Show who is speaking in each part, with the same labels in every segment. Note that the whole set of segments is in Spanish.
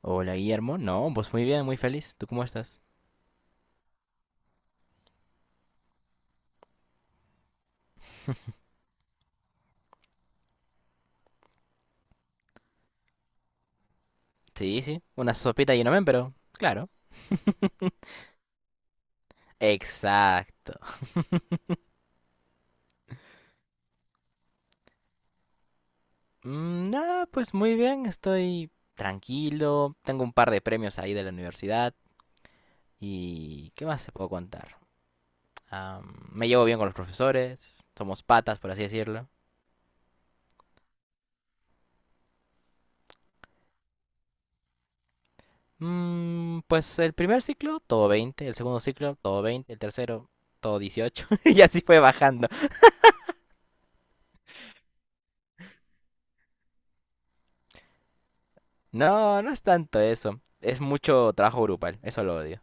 Speaker 1: Hola, Guillermo. No, pues muy bien, muy feliz. ¿Tú cómo estás? Sí, sí. Una sopita y no men, pero claro. Exacto. Nada, pues muy bien. Estoy tranquilo. Tengo un par de premios ahí de la universidad. ¿Y qué más te puedo contar? Me llevo bien con los profesores. Somos patas, por así decirlo. Pues el primer ciclo, todo 20, el segundo ciclo, todo 20, el tercero, todo 18. Y así fue bajando. No, no es tanto eso. Es mucho trabajo grupal. Eso lo odio.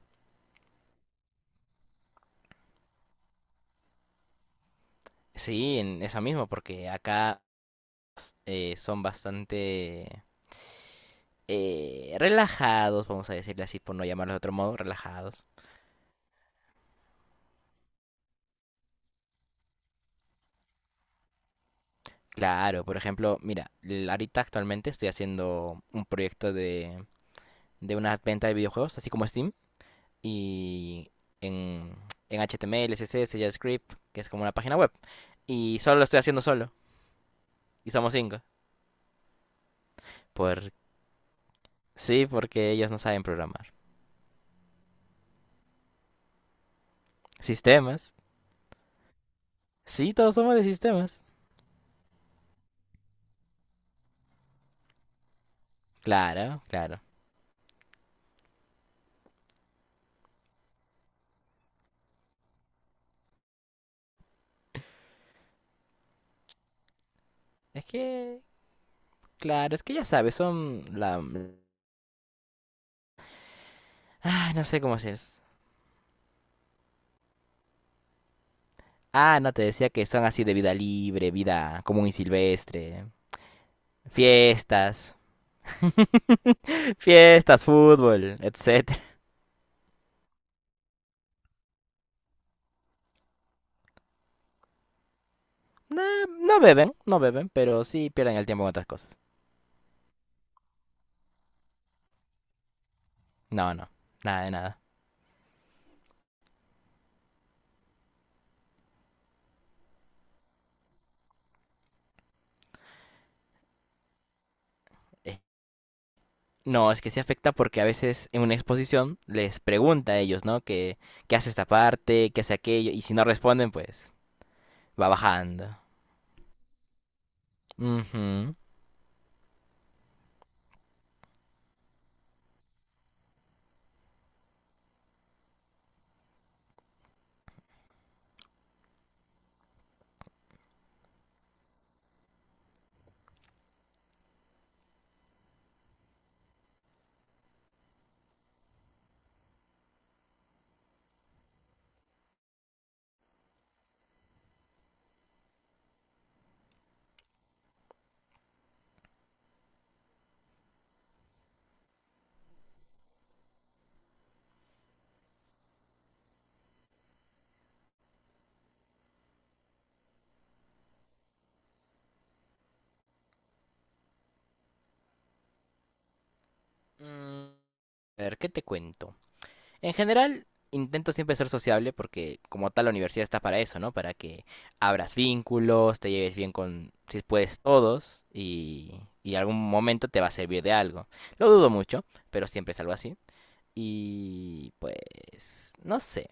Speaker 1: Sí, en eso mismo, porque acá son bastante, relajados, vamos a decirle así, por no llamarlos de otro modo, relajados. Claro, por ejemplo, mira, ahorita actualmente estoy haciendo un proyecto de una venta de videojuegos, así como Steam, y en, en HTML, CSS, JavaScript, que es como una página web. Y solo lo estoy haciendo solo, y somos cinco. Por, sí, porque ellos no saben programar. Sistemas. Sí, todos somos de sistemas. Claro, claro. Es que, claro, es que ya sabes, son la... Ah, no sé cómo es. Ah, no, te decía que son así de vida libre, vida común y silvestre, fiestas. Fiestas, fútbol, etcétera. No, no beben, no beben, pero sí pierden el tiempo en otras cosas. No, no, nada de nada. Eh, No, es que se afecta porque a veces en una exposición les pregunta a ellos, ¿no? Que, ¿qué hace esta parte? ¿Qué hace aquello? Y si no responden, pues va bajando. Ujú. Mm, A ver, ¿qué te cuento? En general, intento siempre ser sociable porque como tal la universidad está para eso, ¿no? Para que abras vínculos, te lleves bien con, si puedes, todos y algún momento te va a servir de algo. Lo dudo mucho, pero siempre es algo así. Y pues, no sé.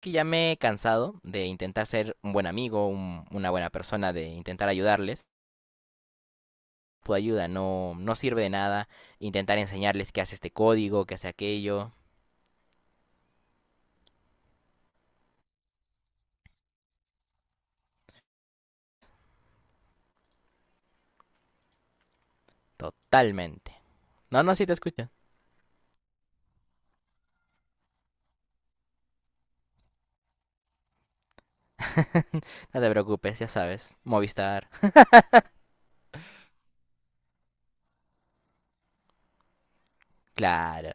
Speaker 1: Que ya me he cansado de intentar ser un buen amigo, una buena persona, de intentar ayudarles. Tu ayuda no, no sirve de nada intentar enseñarles que hace este código, que hace aquello. Totalmente. No, no, sí te escucho. No te preocupes, ya sabes. Movistar. Claro,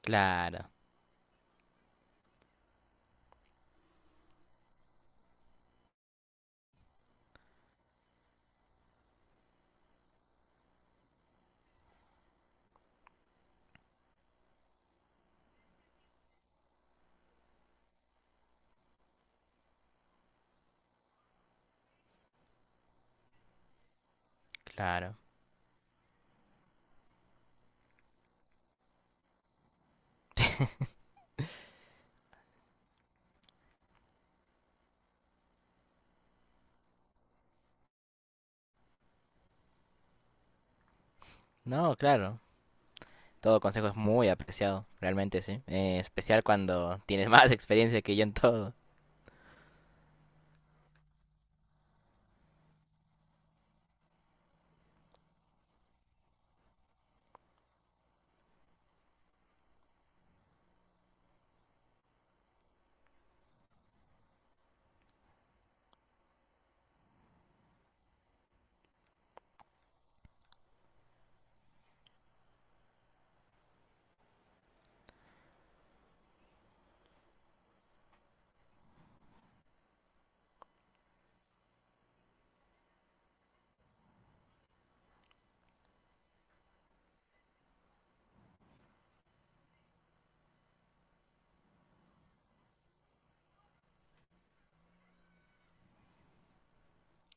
Speaker 1: claro, claro. No, claro. Todo consejo es muy apreciado, realmente, sí. Especial cuando tienes más experiencia que yo en todo.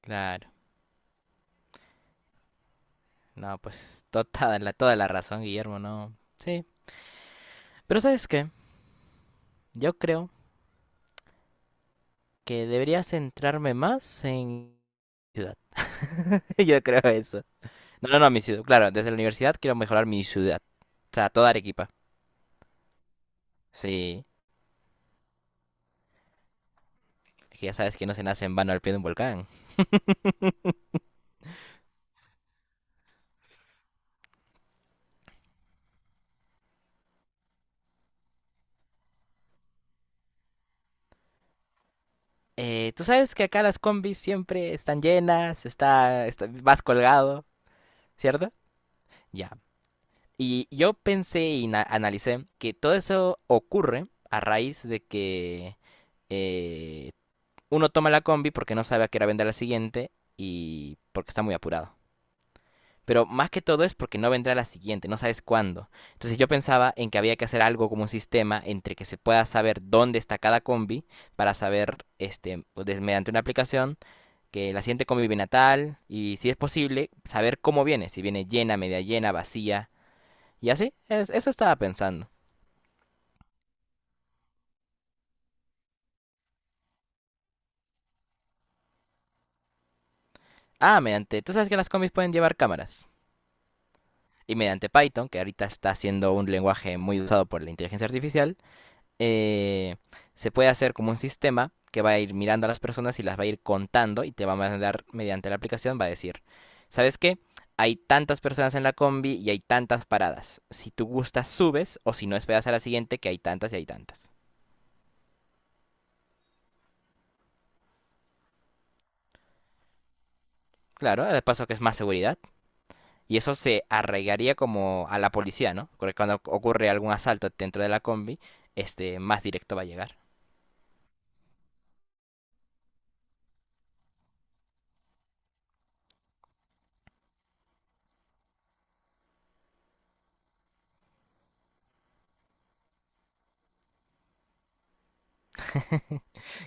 Speaker 1: Claro. No, pues toda la razón, Guillermo, no. Sí. Pero ¿sabes qué? Yo creo que debería centrarme más en ciudad. Yo creo eso. No, no, no, mi ciudad. Claro, desde la universidad quiero mejorar mi ciudad. O sea, toda Arequipa. Sí, es que ya sabes que no se nace en vano al pie de un volcán. Tú sabes que acá las combis siempre están llenas, vas colgado, ¿cierto? Ya. Y yo pensé y analicé que todo eso ocurre a raíz de que eh, uno toma la combi porque no sabe a qué hora vender la siguiente y porque está muy apurado. Pero más que todo es porque no vendrá la siguiente, no sabes cuándo. Entonces yo pensaba en que había que hacer algo como un sistema entre que se pueda saber dónde está cada combi para saber, este, pues, mediante una aplicación, que la siguiente combi viene a tal y si es posible, saber cómo viene, si viene llena, media llena, vacía y así. Eso estaba pensando. Ah, mediante, tú sabes que las combis pueden llevar cámaras. Y mediante Python, que ahorita está siendo un lenguaje muy usado por la inteligencia artificial, eh, se puede hacer como un sistema que va a ir mirando a las personas y las va a ir contando y te va a mandar mediante la aplicación, va a decir, ¿sabes qué? Hay tantas personas en la combi y hay tantas paradas. Si tú gustas, subes o si no, esperas a la siguiente que hay tantas y hay tantas. Claro, de paso que es más seguridad. Y eso se arraigaría como a la policía, ¿no? Porque cuando ocurre algún asalto dentro de la combi, este más directo va a llegar.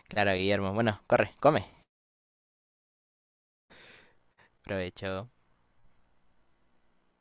Speaker 1: Claro, Guillermo. Bueno, corre, come. Provecho.